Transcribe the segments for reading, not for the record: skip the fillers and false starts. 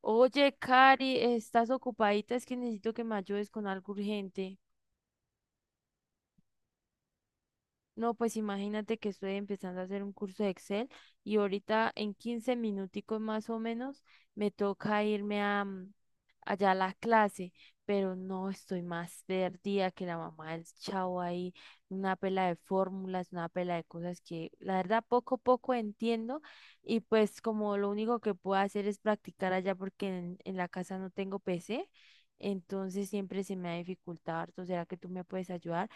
Oye, Cari, ¿estás ocupadita? Es que necesito que me ayudes con algo urgente. No, pues imagínate que estoy empezando a hacer un curso de Excel y ahorita en 15 minuticos más o menos me toca irme a allá a la clase, pero no estoy más perdida que la mamá del chavo ahí, una pela de fórmulas, una pela de cosas que la verdad poco a poco entiendo, y pues como lo único que puedo hacer es practicar allá porque en la casa no tengo PC, entonces siempre se me ha dificultado harto. ¿Será que tú me puedes ayudar?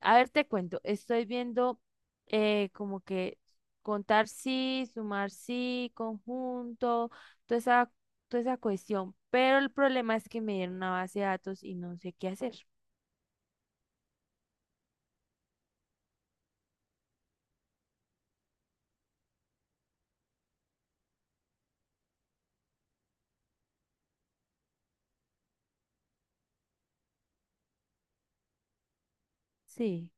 A ver, te cuento, estoy viendo como que contar sí, sumar sí, conjunto, toda esa, toda esa cuestión, pero el problema es que me dieron una base de datos y no sé qué hacer. Sí.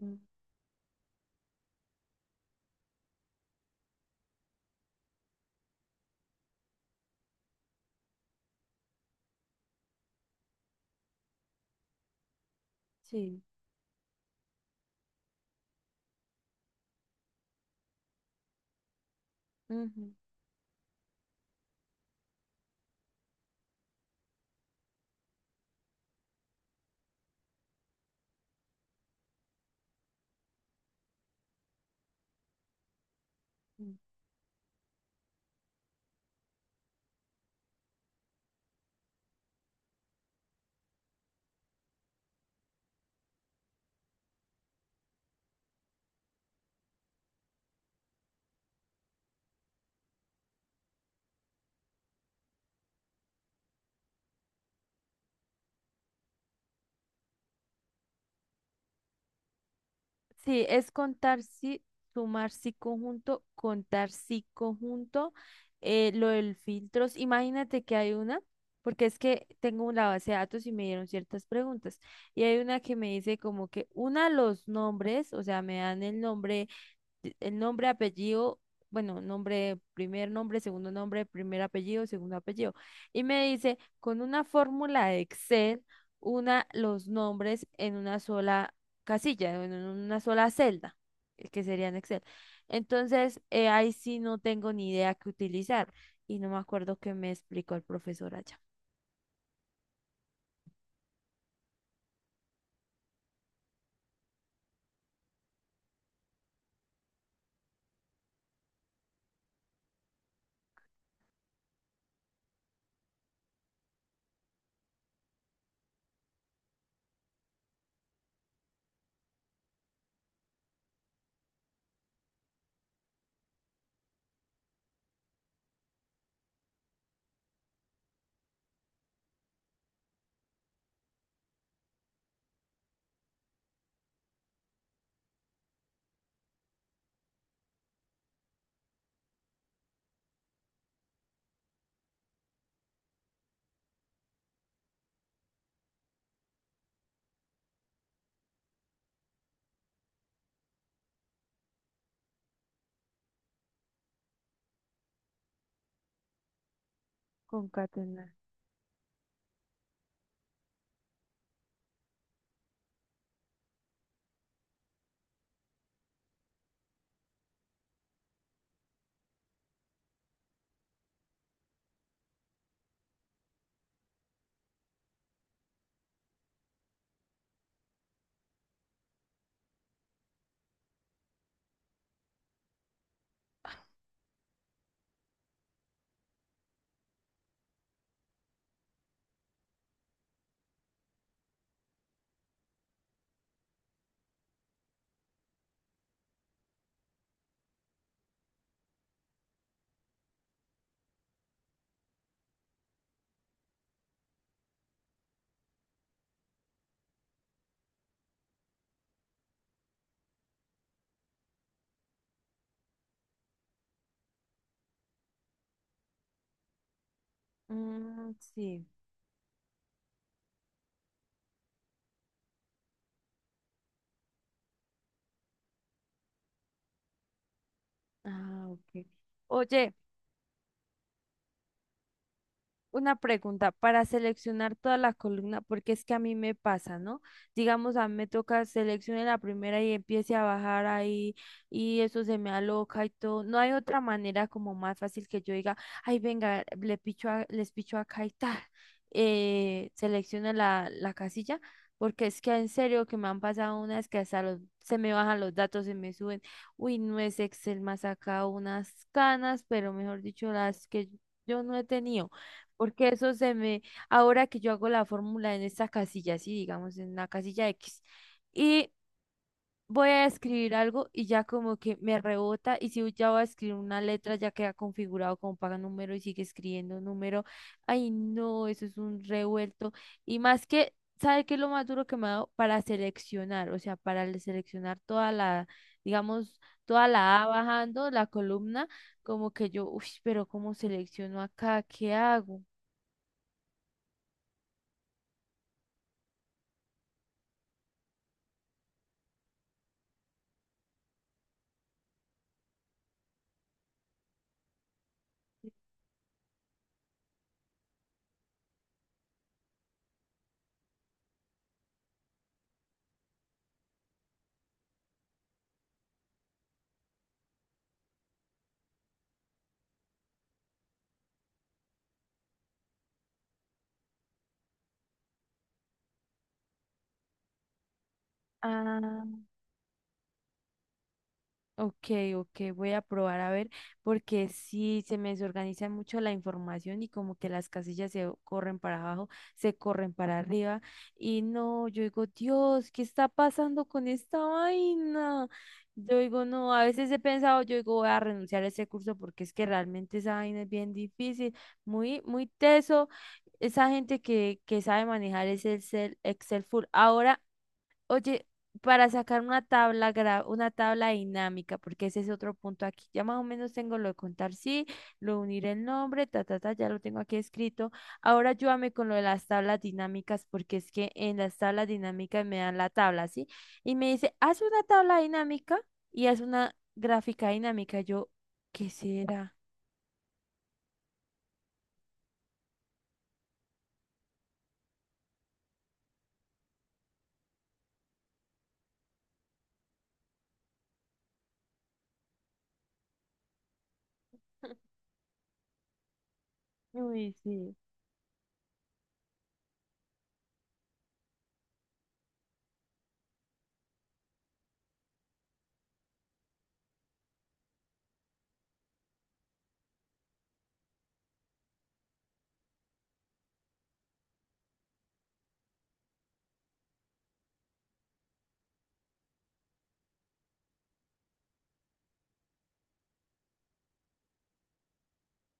Mm. Sí. Ujú. Ujú. Sí, es contar sí, sumar sí conjunto, contar sí conjunto, lo del filtros. Imagínate que hay una, porque es que tengo una base de datos y me dieron ciertas preguntas. Y hay una que me dice como que una los nombres, o sea, me dan el nombre, apellido, bueno, nombre, primer nombre, segundo nombre, primer apellido, segundo apellido. Y me dice, con una fórmula de Excel, una los nombres en una sola casilla, en una sola celda, que sería en Excel. Entonces, ahí sí no tengo ni idea qué utilizar y no me acuerdo qué me explicó el profesor allá. Concatenar. Mm, sí. Ah, ok. Oye, una pregunta. Para seleccionar toda la columna, porque es que a mí me pasa, ¿no? Digamos, a mí me toca seleccionar la primera y empiece a bajar ahí y eso se me aloca y todo. No hay otra manera como más fácil que yo diga, ay, venga, les picho acá y tal. Selecciona la casilla, porque es que en serio que me han pasado unas que hasta los- se me bajan los datos, se me suben. Uy, no es Excel, más acá unas canas, pero mejor dicho, las que yo no he tenido. Porque eso se me, ahora que yo hago la fórmula en esta casilla, sí, digamos en la casilla X, y voy a escribir algo y ya como que me rebota, y si ya voy a escribir una letra, ya queda configurado como paga número y sigue escribiendo número. Ay, no, eso es un revuelto. Y más que, ¿sabe qué es lo más duro que me ha dado? Para seleccionar, o sea, para seleccionar toda la, digamos, toda la A bajando, la columna, como que yo, uy, pero ¿cómo selecciono acá? ¿Qué hago? Ah, ok, ok, voy a probar a ver, porque sí se me desorganiza mucho la información y como que las casillas se corren para abajo, se corren para arriba y no, yo digo, Dios, ¿qué está pasando con esta vaina? Yo digo, no, a veces he pensado, yo digo, voy a renunciar a ese curso porque es que realmente esa vaina es bien difícil, muy, muy teso. Esa gente que sabe manejar ese Excel, Excel full. Ahora oye, para sacar una tabla dinámica, porque ese es otro punto aquí. Ya más o menos tengo lo de contar sí, lo de unir el nombre, ta, ta, ta, ya lo tengo aquí escrito. Ahora ayúdame con lo de las tablas dinámicas, porque es que en las tablas dinámicas me dan la tabla, ¿sí? Y me dice, haz una tabla dinámica y haz una gráfica dinámica. Yo, ¿qué será? Uy, sí.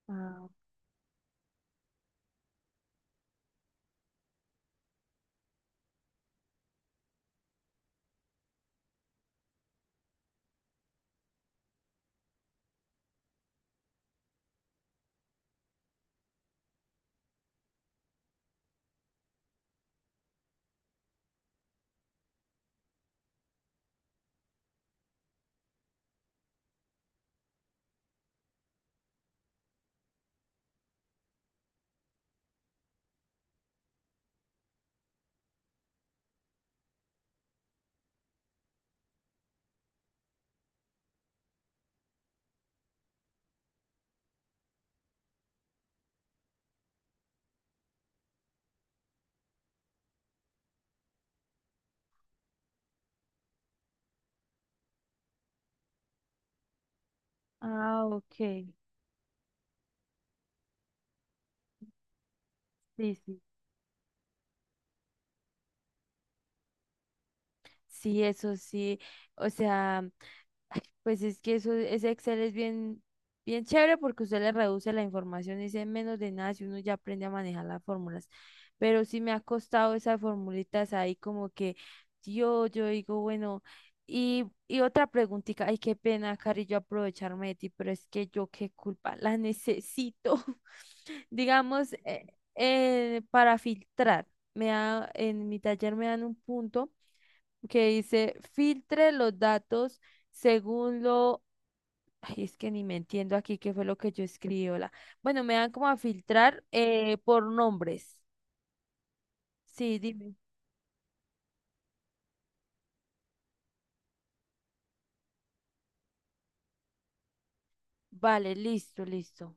Ah, ah, ok. Sí, sí. Sí, eso sí. O sea, pues es que eso, ese Excel es bien, bien chévere porque usted le reduce la información y dice: "En menos de nada si uno ya aprende a manejar las fórmulas". Pero sí me ha costado esas formulitas ahí, como que yo digo, bueno, y otra preguntita, ay, qué pena, Cari, yo aprovecharme de ti, pero es que yo qué culpa, la necesito. Digamos, para filtrar, me da, en mi taller me dan un punto que dice filtre los datos según lo, ay, es que ni me entiendo aquí qué fue lo que yo escribí, hola. Bueno, me dan como a filtrar por nombres. Sí, dime. Vale, listo, listo.